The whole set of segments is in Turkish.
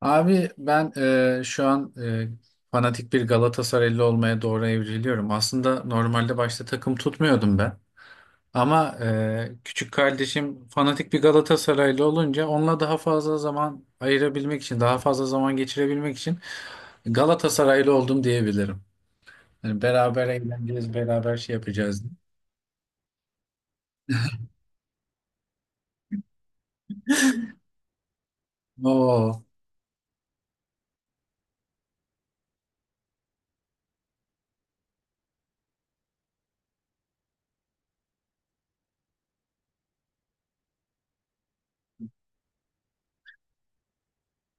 Abi ben şu an fanatik bir Galatasaraylı olmaya doğru evriliyorum. Aslında normalde başta takım tutmuyordum ben. Ama küçük kardeşim fanatik bir Galatasaraylı olunca onunla daha fazla zaman ayırabilmek için, daha fazla zaman geçirebilmek için Galatasaraylı oldum diyebilirim. Yani beraber eğleneceğiz, beraber şey yapacağız. Oo.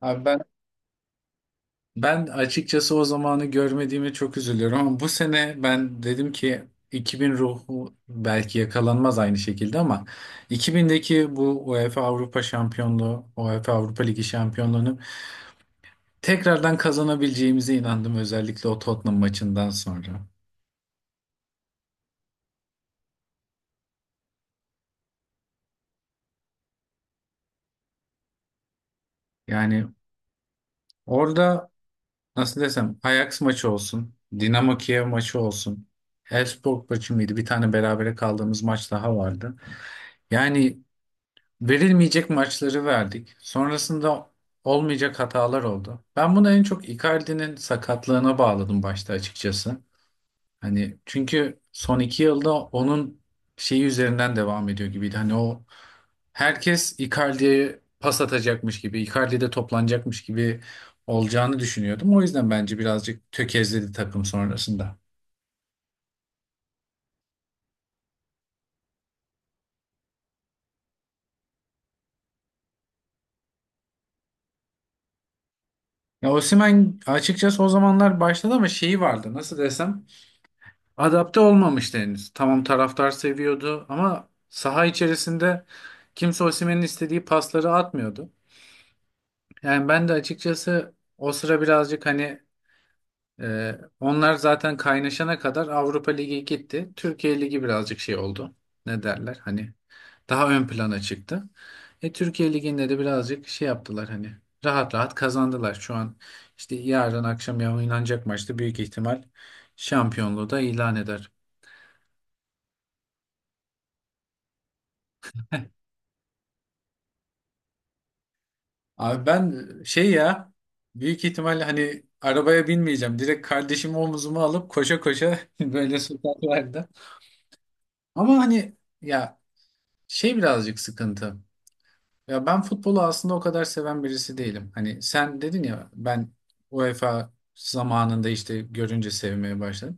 Abi ben Ben açıkçası o zamanı görmediğime çok üzülüyorum, ama bu sene ben dedim ki 2000 ruhu belki yakalanmaz aynı şekilde, ama 2000'deki bu UEFA Avrupa Şampiyonluğu, UEFA Avrupa Ligi şampiyonluğunu tekrardan kazanabileceğimize inandım, özellikle o Tottenham maçından sonra. Yani orada nasıl desem, Ajax maçı olsun, Dinamo Kiev maçı olsun, Elfsborg maçı mıydı? Bir tane berabere kaldığımız maç daha vardı. Yani verilmeyecek maçları verdik. Sonrasında olmayacak hatalar oldu. Ben bunu en çok Icardi'nin sakatlığına bağladım başta açıkçası. Hani çünkü son iki yılda onun şeyi üzerinden devam ediyor gibiydi. Hani o, herkes Icardi'ye pas atacakmış gibi, Icardi'de toplanacakmış gibi olacağını düşünüyordum. O yüzden bence birazcık tökezledi takım sonrasında. Ya Osimhen açıkçası o zamanlar başladı, ama şeyi vardı, nasıl desem, adapte olmamıştı henüz. Tamam, taraftar seviyordu, ama saha içerisinde kimse Osimhen'in istediği pasları atmıyordu. Yani ben de açıkçası o sıra birazcık hani, onlar zaten kaynaşana kadar Avrupa Ligi gitti. Türkiye Ligi birazcık şey oldu. Ne derler hani, daha ön plana çıktı. Türkiye Ligi'nde de birazcık şey yaptılar, hani rahat rahat kazandılar. Şu an işte yarın akşam oynanacak maçta büyük ihtimal şampiyonluğu da ilan eder. Abi ben, şey ya, büyük ihtimalle hani arabaya binmeyeceğim. Direkt kardeşimi omuzuma alıp koşa koşa böyle sokaklarda. Ama hani ya, şey birazcık sıkıntı. Ya ben futbolu aslında o kadar seven birisi değilim. Hani sen dedin ya, ben UEFA zamanında işte görünce sevmeye başladım.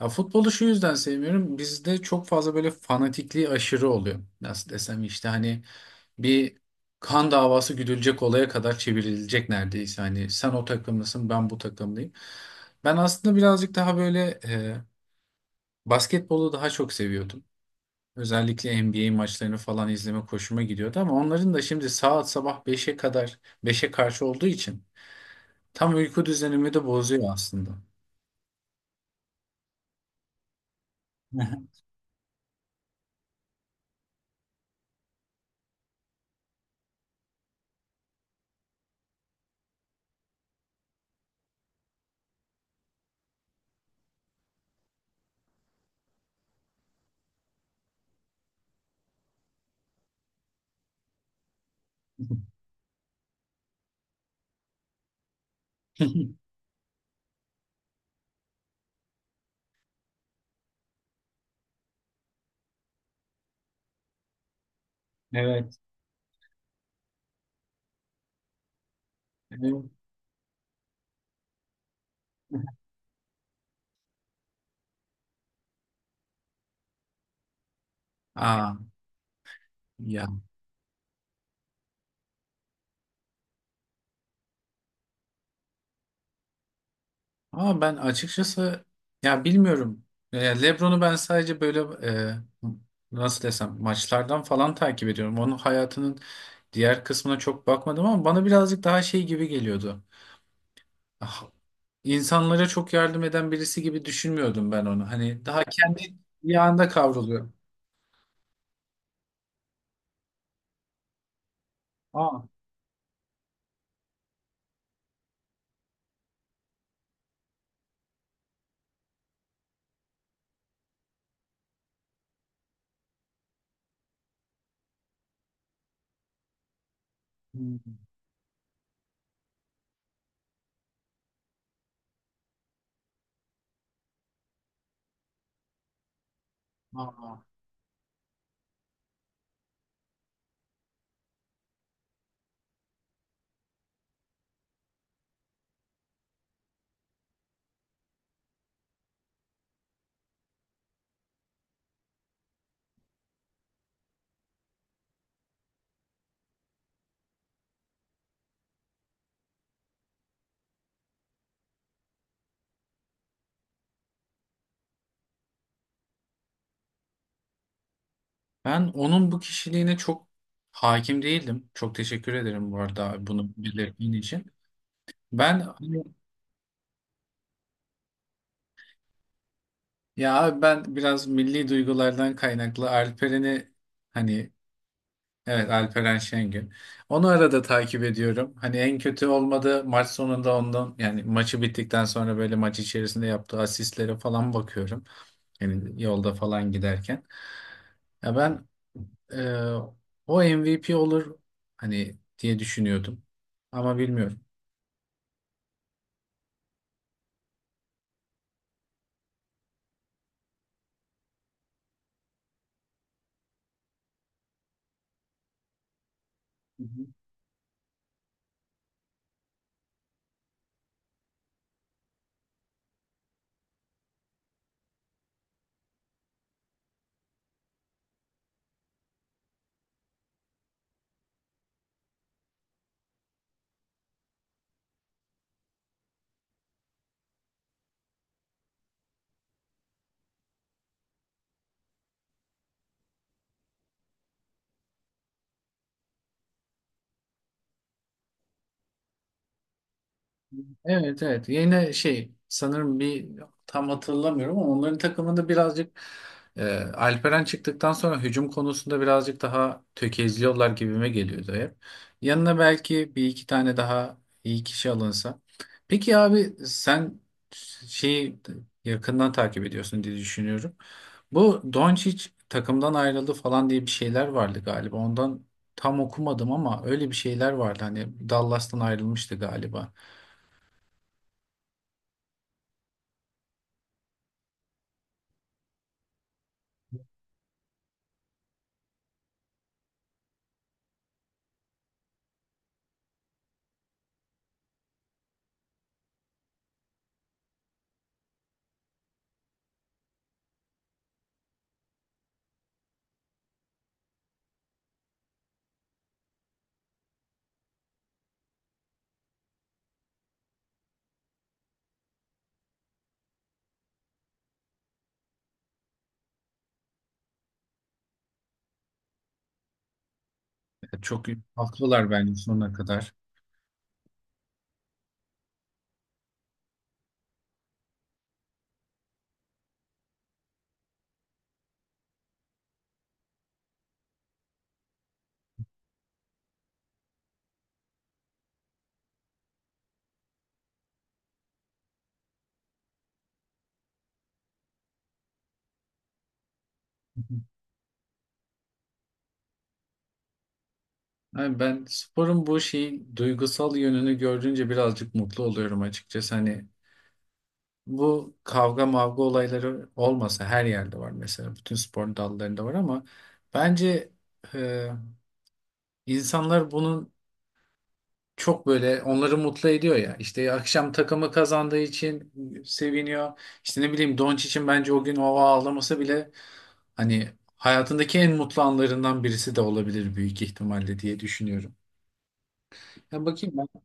Ya futbolu şu yüzden sevmiyorum. Bizde çok fazla böyle fanatikliği aşırı oluyor. Nasıl desem, işte hani bir kan davası güdülecek olaya kadar çevrilecek neredeyse. Hani sen o takımlısın, ben bu takımlıyım. Ben aslında birazcık daha böyle, basketbolu daha çok seviyordum. Özellikle NBA maçlarını falan izleme hoşuma gidiyordu, ama onların da şimdi saat sabah beşe kadar, beşe karşı olduğu için tam uyku düzenimi de bozuyor aslında. Evet. Evet. Aa ya. Ama ben açıkçası, ya bilmiyorum. LeBron'u ben sadece böyle, e, nasıl desem, maçlardan falan takip ediyorum. Onun hayatının diğer kısmına çok bakmadım, ama bana birazcık daha şey gibi geliyordu. Ah, insanlara çok yardım eden birisi gibi düşünmüyordum ben onu. Hani daha kendi yağında kavruluyor. Aa. Hmm, aa. Ben onun bu kişiliğine çok hakim değildim. Çok teşekkür ederim bu arada bunu belirttiğin için. Ben hani, ya abi, ben biraz milli duygulardan kaynaklı Alperen'i hani… Evet, Alperen Şengün. Onu arada takip ediyorum. Hani en kötü olmadı maç sonunda ondan, yani maçı bittikten sonra böyle maç içerisinde yaptığı asistlere falan bakıyorum. Yani yolda falan giderken. Ya ben, e, o MVP olur hani diye düşünüyordum. Ama bilmiyorum. Evet, evet, yine şey sanırım bir tam hatırlamıyorum, ama onların takımında birazcık, Alperen çıktıktan sonra hücum konusunda birazcık daha tökezliyorlar gibime geliyordu hep. Yanına belki bir iki tane daha iyi kişi alınsa. Peki abi, sen şeyi yakından takip ediyorsun diye düşünüyorum. Bu Doncic takımdan ayrıldı falan diye bir şeyler vardı galiba. Ondan tam okumadım, ama öyle bir şeyler vardı. Hani Dallas'tan ayrılmıştı galiba. Çok haklılar bence sonuna kadar. Yani ben sporun bu şeyi, duygusal yönünü gördüğünce birazcık mutlu oluyorum açıkçası. Hani bu kavga mavga olayları olmasa, her yerde var mesela. Bütün spor dallarında var, ama bence e, insanlar bunun, çok böyle onları mutlu ediyor ya. İşte akşam takımı kazandığı için seviniyor. İşte ne bileyim için, bence o gün o ağlaması bile hani hayatındaki en mutlu anlarından birisi de olabilir büyük ihtimalle diye düşünüyorum. Ya bakayım ben.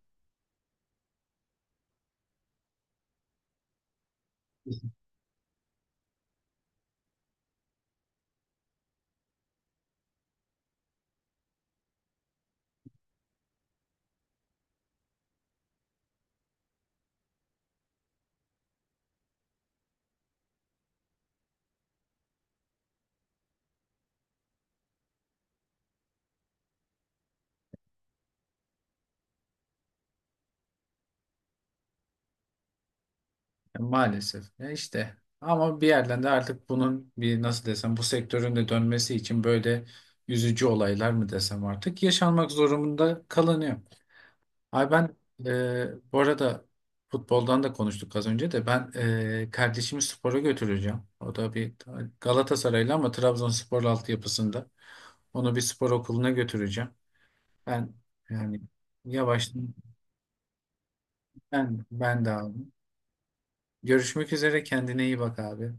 Ya maalesef. Ya işte, ama bir yerden de artık bunun bir, nasıl desem, bu sektörün de dönmesi için böyle üzücü olaylar mı desem artık, yaşanmak zorunda kalınıyor. Ay ben, bu arada futboldan da konuştuk az önce, de ben kardeşimi spora götüreceğim. O da bir Galatasaraylı, ama Trabzonspor altyapısında. Onu bir spor okuluna götüreceğim. Ben yani yavaş ben ben de abi. Görüşmek üzere, kendine iyi bak abi.